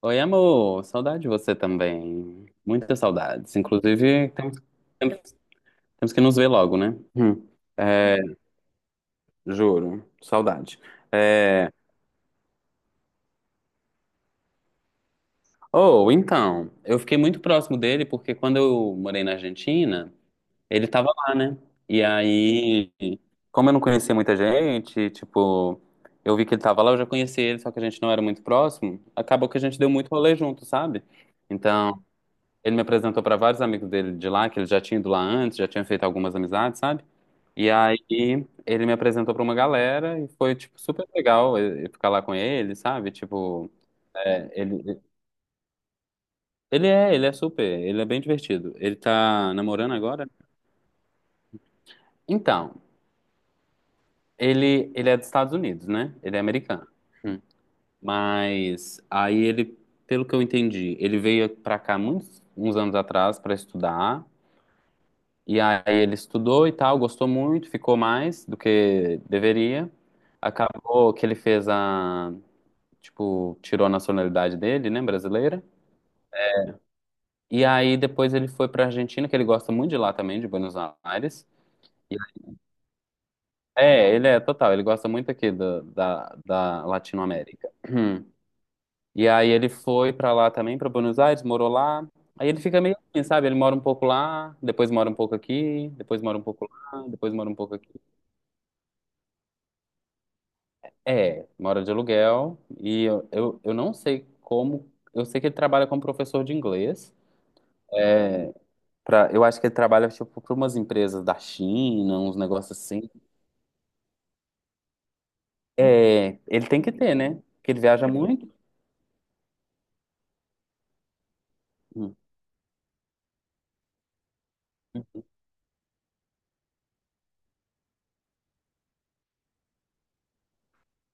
Oi, amor. Saudade de você também. Muitas saudades. Inclusive, temos, temos que nos ver logo, né? Hum. É, juro. Saudade. É. Oh, então, eu fiquei muito próximo dele porque quando eu morei na Argentina, ele tava lá, né? E aí, como eu não conhecia muita gente, tipo, eu vi que ele tava lá, eu já conhecia ele, só que a gente não era muito próximo. Acabou que a gente deu muito rolê junto, sabe? Então. Ele me apresentou para vários amigos dele de lá, que ele já tinha ido lá antes, já tinha feito algumas amizades, sabe? E aí ele me apresentou para uma galera e foi, tipo, super legal eu ficar lá com ele, sabe? Tipo, é, ele é bem divertido. Ele tá namorando agora? Então, ele é dos Estados Unidos, né? Ele é americano. Hum. Mas aí ele, pelo que eu entendi, ele veio para cá uns anos atrás para estudar. E aí ele estudou e tal, gostou muito, ficou mais do que deveria. Acabou que ele tipo, tirou a nacionalidade dele, né, brasileira. E aí depois ele foi pra Argentina, que ele gosta muito de lá também, de Buenos Aires. E- É, ele é total, ele gosta muito aqui da Latinoamérica. E aí ele foi pra lá também, pra Buenos Aires, morou lá. Aí ele fica meio assim, sabe? Ele mora um pouco lá, depois mora um pouco aqui, depois mora um pouco lá, depois mora um pouco aqui. É, mora de aluguel e eu não sei como. Eu sei que ele trabalha como professor de inglês. É, eu acho que ele trabalha tipo, para umas empresas da China, uns negócios assim. É, ele tem que ter, né? Porque ele viaja muito. Hum.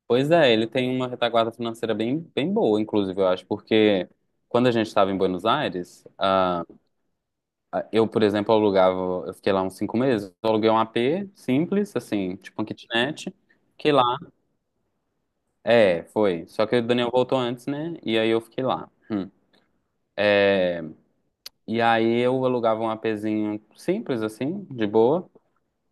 Pois é, ele tem uma retaguarda financeira bem, bem boa, inclusive, eu acho, porque quando a gente estava em Buenos Aires, eu, por exemplo, eu fiquei lá uns 5 meses, eu aluguei um AP simples, assim, tipo um kitnet. Fiquei lá É, foi. Só que o Daniel voltou antes, né? E aí eu fiquei lá. Hum. E aí eu alugava um APzinho simples, assim, de boa.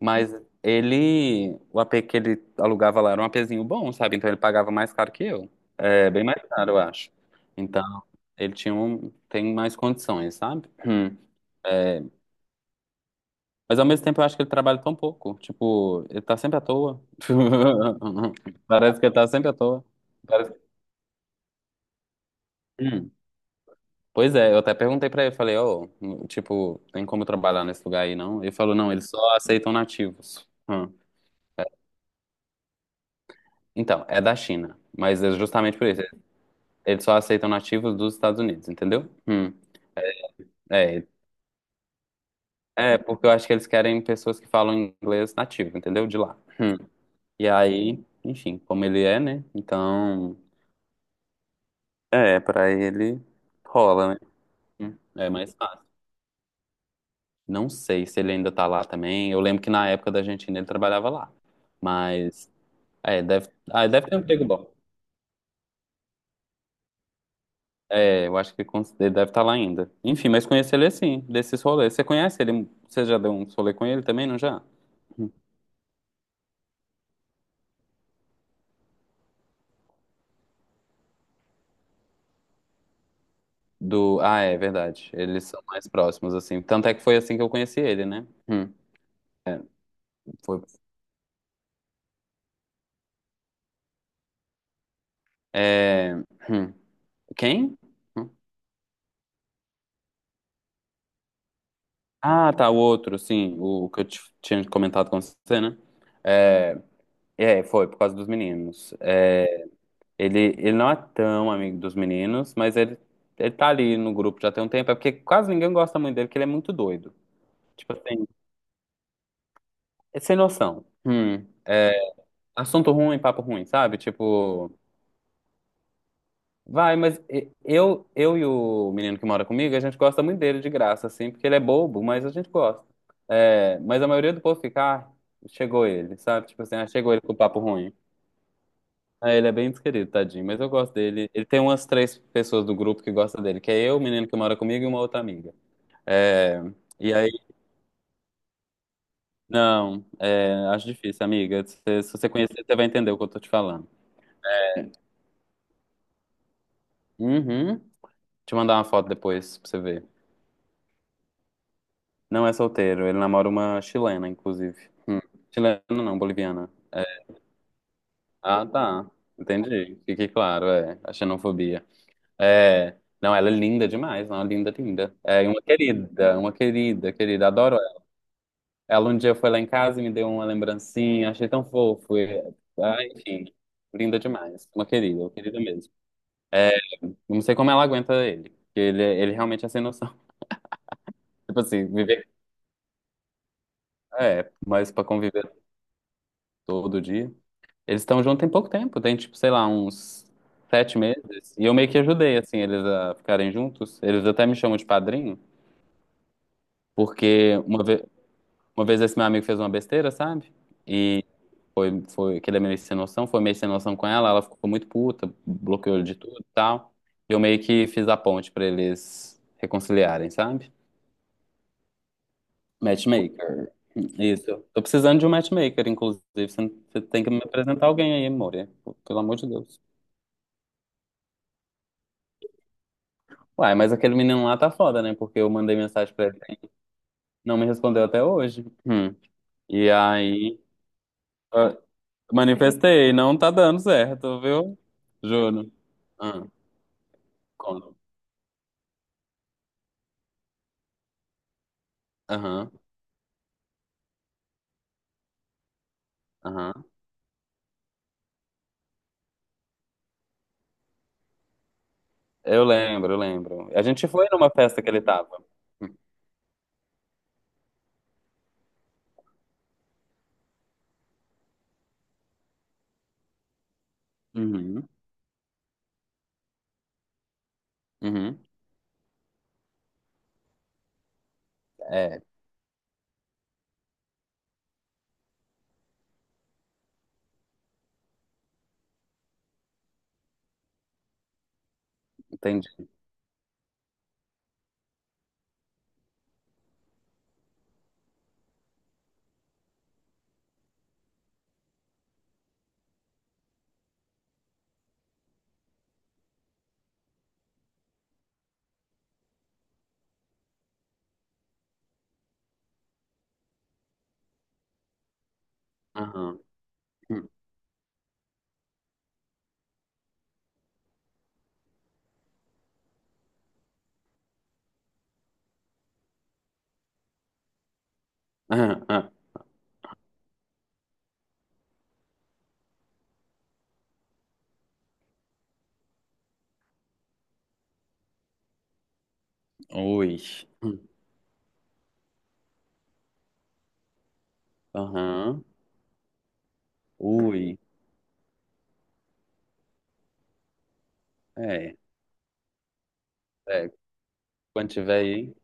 Mas ele, o apê que ele alugava lá era um APzinho bom, sabe? Então ele pagava mais caro que eu. É, bem mais caro, eu acho. Então ele tem mais condições, sabe? Hum. É, mas ao mesmo tempo eu acho que ele trabalha tão pouco. Tipo, ele tá sempre à toa. Parece que ele tá sempre à toa. Parece. Pois é, eu até perguntei pra ele, falei, ô, tipo, tem como trabalhar nesse lugar aí, não? Ele falou, não, eles só aceitam nativos. Hum. Então, é da China, mas é justamente por isso, eles só aceitam nativos dos Estados Unidos, entendeu? Hum. É, é, porque eu acho que eles querem pessoas que falam inglês nativo, entendeu? De lá. Hum. E aí, enfim, como ele é, né? Então, é, pra ele rola, né? Hum. É mais fácil. Não sei se ele ainda tá lá também. Eu lembro que na época da Argentina ele trabalhava lá. Mas é, deve ter um emprego bom. É, eu acho que ele deve estar lá ainda. Enfim, mas conheci ele assim, desses rolês. Você conhece ele? Você já deu um rolê com ele também, não já? É verdade. Eles são mais próximos, assim. Tanto é que foi assim que eu conheci ele, né? Foi. É, hum. Quem? Hum. Ah, tá, o outro, sim. O que eu tinha comentado com você, né? É, é, foi por causa dos meninos. É, ele não é tão amigo dos meninos, mas ele tá ali no grupo já tem um tempo. É porque quase ninguém gosta muito dele, porque ele é muito doido. Tipo assim, é sem noção. É, assunto ruim, papo ruim, sabe? Tipo, vai, mas eu e o menino que mora comigo, a gente gosta muito dele de graça, assim, porque ele é bobo, mas a gente gosta. É, mas a maioria do povo fica, ah, chegou ele, sabe? Tipo assim, ah, chegou ele com papo ruim. Ah, ele é bem desquerido, tadinho, mas eu gosto dele. Ele tem umas três pessoas do grupo que gostam dele, que é eu, o menino que mora comigo e uma outra amiga. É, e aí, não, acho difícil, amiga. Se você conhecer, você vai entender o que eu tô te falando. Uhum. Te mandar uma foto depois pra você ver. Não é solteiro, ele namora uma chilena, inclusive. Hum. Chilena não, boliviana. Ah, tá. Entendi. Fiquei claro, é. A xenofobia. É. Não, ela é linda demais, não, linda, linda. É, e uma querida, querida. Adoro. Ela um dia foi lá em casa e me deu uma lembrancinha, achei tão fofo. Ah, enfim, linda demais. Uma querida mesmo. É, não sei como ela aguenta ele, porque ele realmente é sem noção. Tipo assim, viver. É, mas pra conviver todo dia. Eles estão juntos tem pouco tempo, tem tipo, sei lá, uns 7 meses. E eu meio que ajudei, assim, eles a ficarem juntos. Eles até me chamam de padrinho, porque uma vez. Uma vez esse meu amigo fez uma besteira, sabe? E que ele é meio sem noção, foi meio sem noção com ela, ela ficou muito puta, bloqueou ele de tudo e tal. E eu meio que fiz a ponte pra eles reconciliarem, sabe? Matchmaker. Isso. Tô precisando de um matchmaker, inclusive. Você você tem que me apresentar alguém aí, Moria. Pelo amor de Deus. Uai, mas aquele menino lá tá foda, né? Porque eu mandei mensagem pra ele, não me respondeu até hoje. Hum. E aí. Manifestei, não tá dando certo, viu? Juro. Ah, quando? Aham, aham. Eu lembro, eu lembro. A gente foi numa festa que ele tava. Uhum, uhum. É, entendi. Aham. Uhum. Aham. Aham. Ui. Aham. Ui. É, é. Quando tiver aí.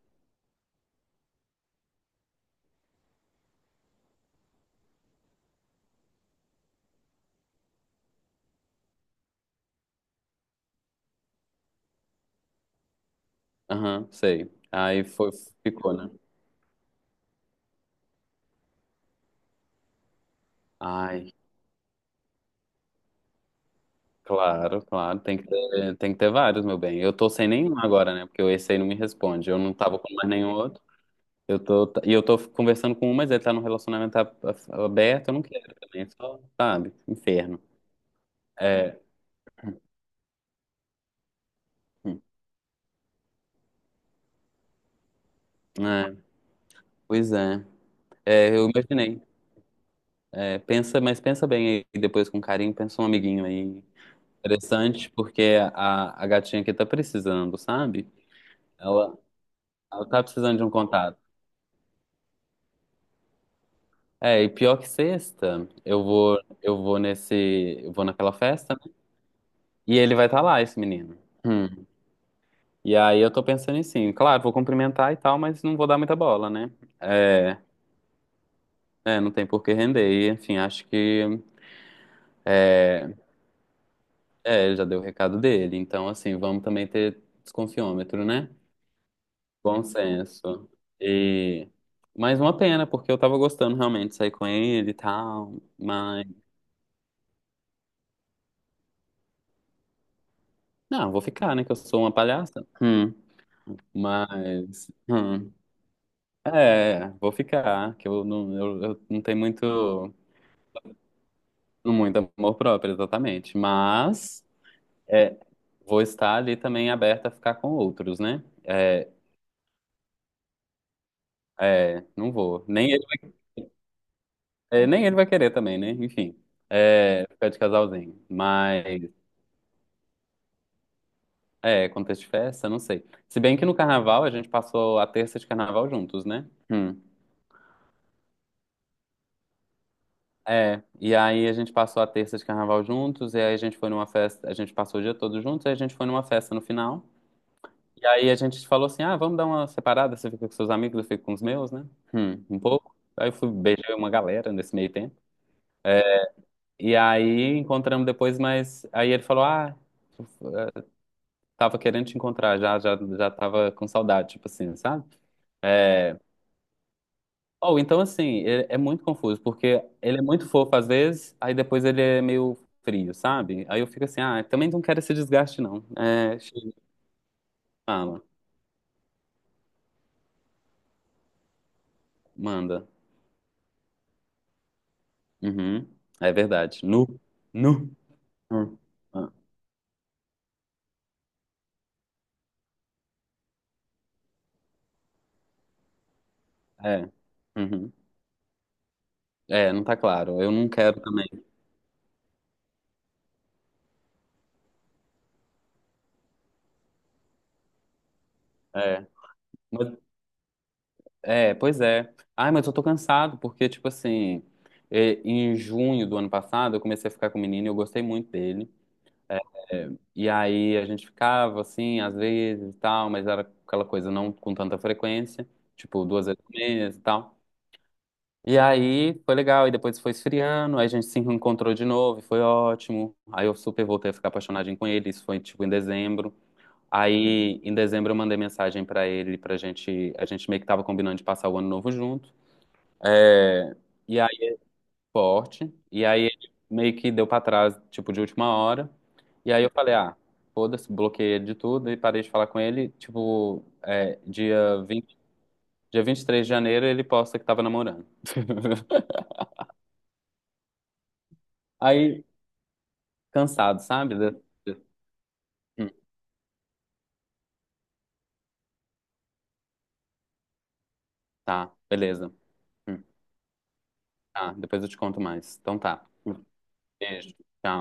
Aham, sei. Aí foi, ficou, né? Ai, claro, claro. Tem que ter vários, meu bem. Eu tô sem nenhum agora, né? Porque esse aí não me responde. Eu não tava com mais nenhum outro. Eu tô conversando com um, mas ele tá num relacionamento aberto, eu não quero também, é só, sabe? Inferno. É, hum, é, pois é. É, eu imaginei. É, pensa, mas pensa bem aí, depois com carinho, pensa um amiguinho aí. Interessante, porque a gatinha aqui tá precisando, sabe? Ela, ela tá precisando de um contato. É, e pior que sexta, eu vou naquela festa, né? E ele vai estar lá, esse menino. Hum, E aí eu tô pensando em sim, claro, vou cumprimentar e tal, mas não vou dar muita bola, né? É, é, não tem por que render. E, enfim, acho que ele já deu o recado dele. Então, assim, vamos também ter desconfiômetro, né? Bom senso. E mas uma pena, porque eu tava gostando realmente de sair com ele e tal, mas não, vou ficar, né, que eu sou uma palhaça. Mas vou ficar, que eu não tenho muito muito amor próprio, exatamente, mas é, vou estar ali também aberta a ficar com outros, né? É, é, não vou. Nem ele vai querer também, né? Enfim, ficar de casalzinho. Mas, é, contexto de festa, não sei. Se bem que no carnaval a gente passou a terça de carnaval juntos, né? Hum. É, e aí a gente passou a terça de carnaval juntos, e aí a gente foi numa festa, a gente passou o dia todo juntos, e a gente foi numa festa no final. E aí a gente falou assim: ah, vamos dar uma separada, você fica com seus amigos, eu fico com os meus, né? Um pouco. Aí eu fui, beijei uma galera nesse meio tempo. É, e aí encontramos depois, mas aí ele falou: ah, eh, tava querendo te encontrar, já, já, já tava com saudade, tipo assim, sabe? É. Ou então, assim, é muito confuso, porque ele é muito fofo às vezes, aí depois ele é meio frio, sabe? Aí eu fico assim: ah, também não quero esse desgaste, não. É, chega, fala, manda. Uhum, é verdade. Nu, nu. Hum, ah, é. Uhum. É, não tá claro. Eu não quero também. É. Mas- é, pois é. Ai, mas eu tô cansado, porque, tipo assim, em junho do ano passado, eu comecei a ficar com o menino e eu gostei muito dele. É, e aí a gente ficava, assim, às vezes e tal, mas era aquela coisa não com tanta frequência, tipo, duas vezes por mês e tal. E aí foi legal, e depois foi esfriando, aí a gente se encontrou de novo, e foi ótimo. Aí eu super voltei a ficar apaixonadinho com ele, isso foi, tipo, em dezembro. Aí, em dezembro, eu mandei mensagem pra ele, pra gente. A gente meio que tava combinando de passar o ano novo junto. É, e aí, forte. E aí, ele meio que deu pra trás, tipo, de última hora. E aí, eu falei, ah, foda-se, bloqueei ele de tudo e parei de falar com ele. Tipo, dia 23 de janeiro, ele posta que tava namorando. Aí, cansado, sabe? De- Hum, tá, beleza. Hum, tá, depois eu te conto mais. Então tá. Beijo. Tchau.